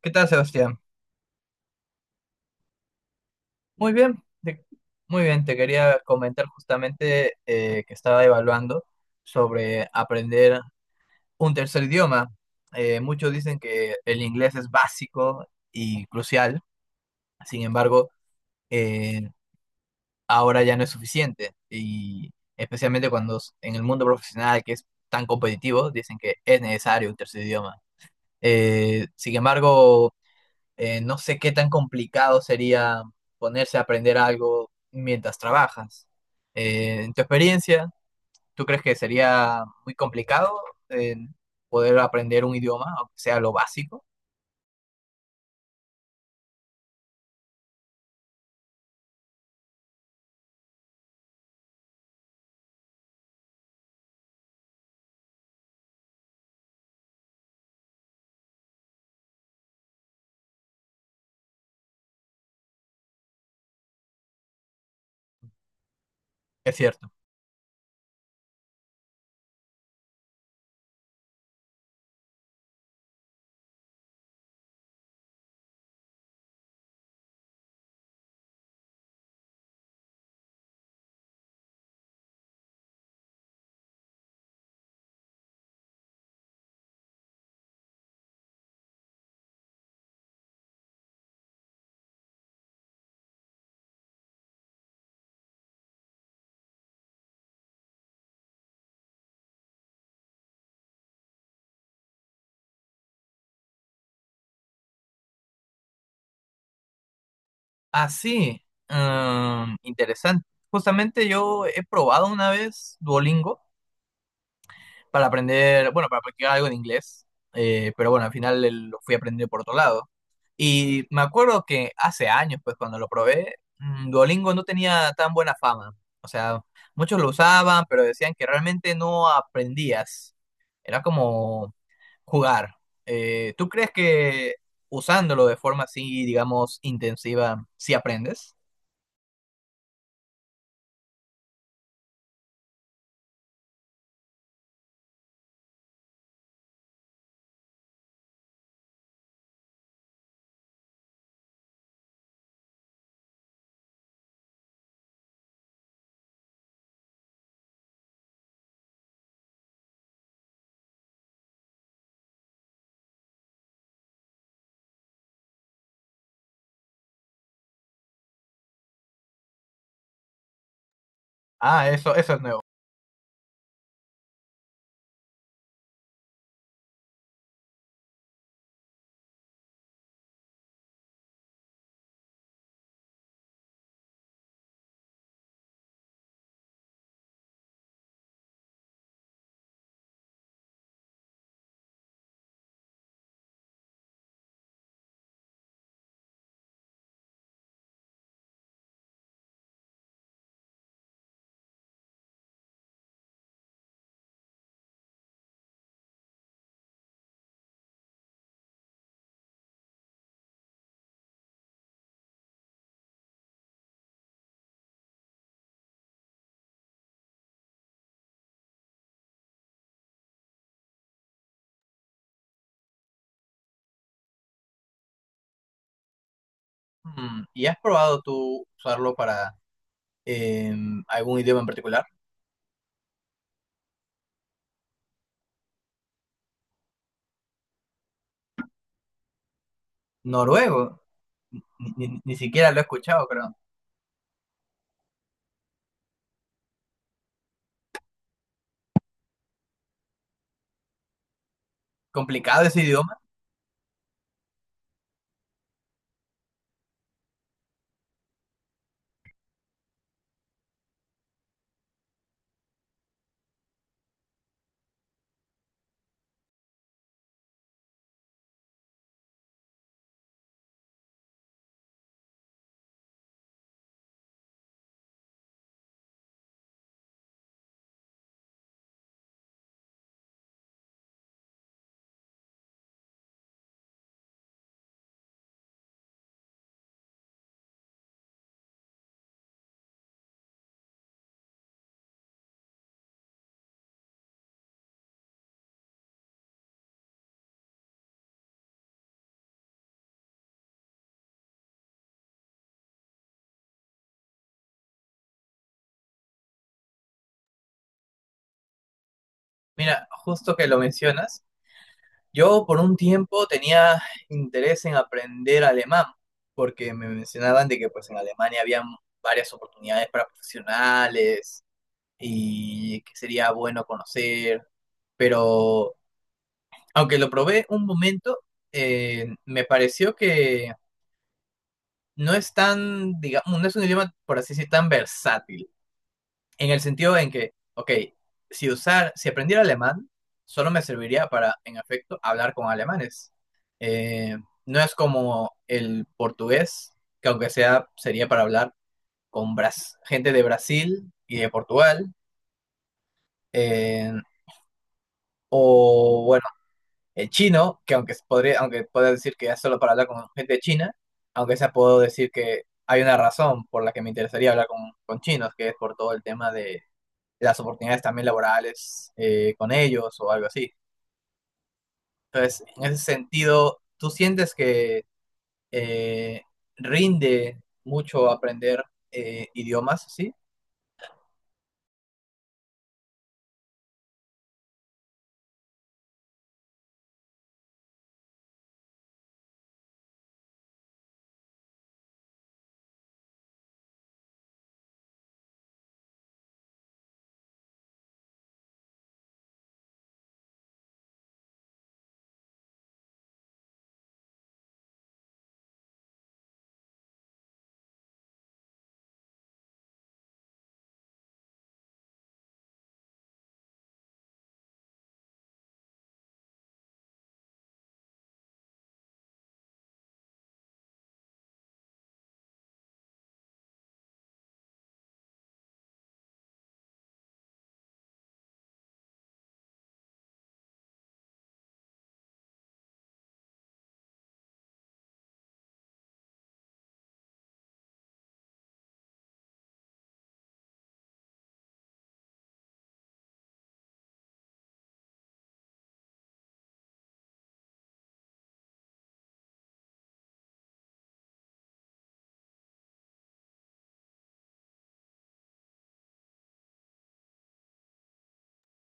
¿Qué tal, Sebastián? Muy bien, te- Muy bien. Te quería comentar justamente que estaba evaluando sobre aprender un tercer idioma. Muchos dicen que el inglés es básico y crucial. Sin embargo, eh, ahora ya no es suficiente. Y especialmente en el mundo profesional, que es tan competitivo, dicen que es necesario un tercer idioma. Sin embargo, no sé qué tan complicado sería ponerse a aprender algo mientras trabajas. En tu experiencia, ¿tú crees que sería muy complicado eh, poder aprender un idioma, aunque sea lo básico? Es cierto. Ah, sí. Mm, interesante. Justamente yo he probado una vez Duolingo, para aprender, bueno, para practicar algo en inglés. Eh, pero bueno, al final lo fui aprendiendo por otro lado. Y me acuerdo que hace años, pues cuando lo probé, Duolingo no tenía tan buena fama. O sea, muchos lo usaban, pero decían que realmente no aprendías. Era como jugar. ¿tú crees que usándolo de forma así, digamos, intensiva, sí aprendes? Ah, eso es nuevo. Mm, ¿y has probado tú usarlo para algún idioma en particular? Noruego. Ni, ni- ni siquiera lo he escuchado, creo. Complicado ese idioma. Mira, justo que lo mencionas, yo por un tiempo tenía interés en aprender alemán, porque me mencionaban de que pues en Alemania había varias oportunidades para profesionales y que sería bueno conocer, pero aunque lo probé un momento, me pareció que no es tan, digamos, no es un idioma, por así decir, tan versátil. En el sentido en que, ok, si aprendiera alemán, solo me serviría para, en efecto, hablar con alemanes. Eh, no es como el portugués, que aunque sea, sería para hablar con gente de Brasil y de Portugal. eh, o bueno, el chino, que aunque podría, aunque pueda decir que es solo para hablar con gente de China, aunque sea puedo decir que hay una razón por la que me interesaría hablar con chinos, que es por todo el tema de las oportunidades también laborales con ellos o algo así. Entonces, en ese sentido, ¿tú sientes que eh, rinde mucho aprender idiomas, sí?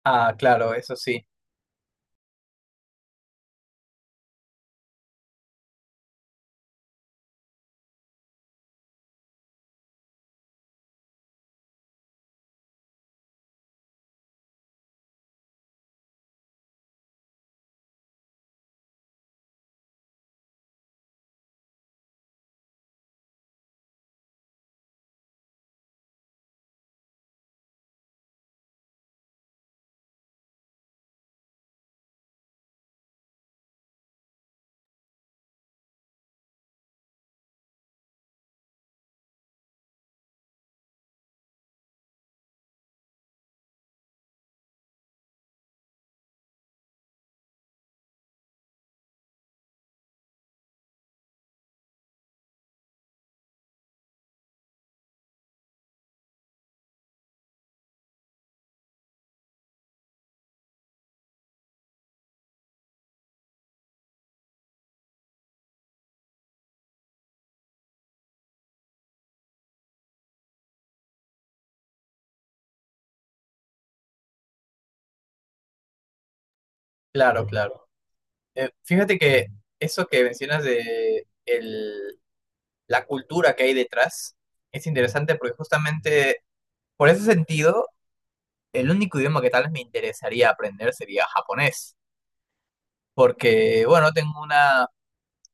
Ah, claro, eso sí, claro, claro. Fíjate que eso que mencionas de la cultura que hay detrás es interesante porque justamente por ese sentido, el único idioma que tal vez me interesaría aprender sería japonés, porque, bueno, tengo una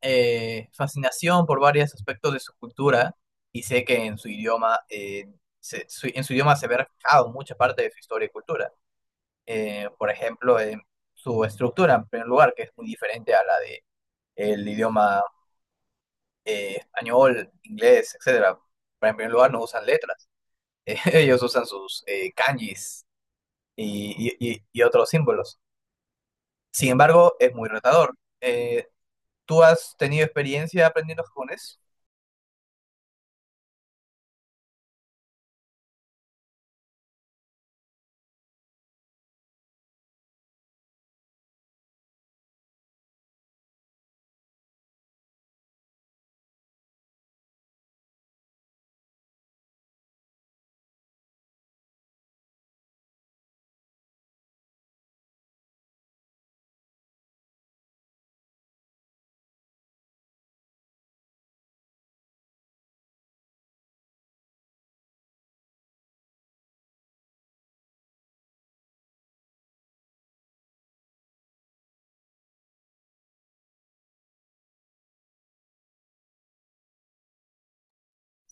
fascinación por varios aspectos de su cultura y sé que en su idioma, en su idioma se ve reflejado mucha parte de su historia y cultura. Por ejemplo, en su estructura, en primer lugar, que es muy diferente a la de el idioma español, inglés, etcétera. Pero en primer lugar, no usan letras. Ellos usan sus kanjis y otros símbolos. Sin embargo, es muy retador. ¿tú has tenido experiencia aprendiendo japonés?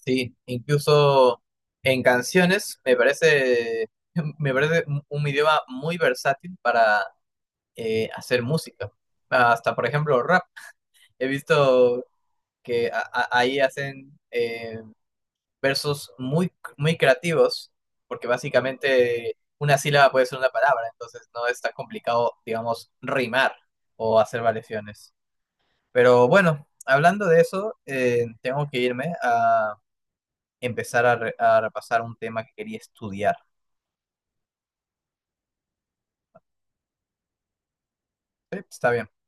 Sí, incluso en canciones me parece, me parece un idioma muy versátil para hacer música. Hasta, por ejemplo, rap. He visto que ahí hacen versos muy, muy creativos, porque básicamente una sílaba puede ser una palabra, entonces no es tan complicado, digamos, rimar o hacer variaciones. Pero bueno, hablando de eso, tengo que irme empezar a, a repasar un tema que quería estudiar. Sí, está bien.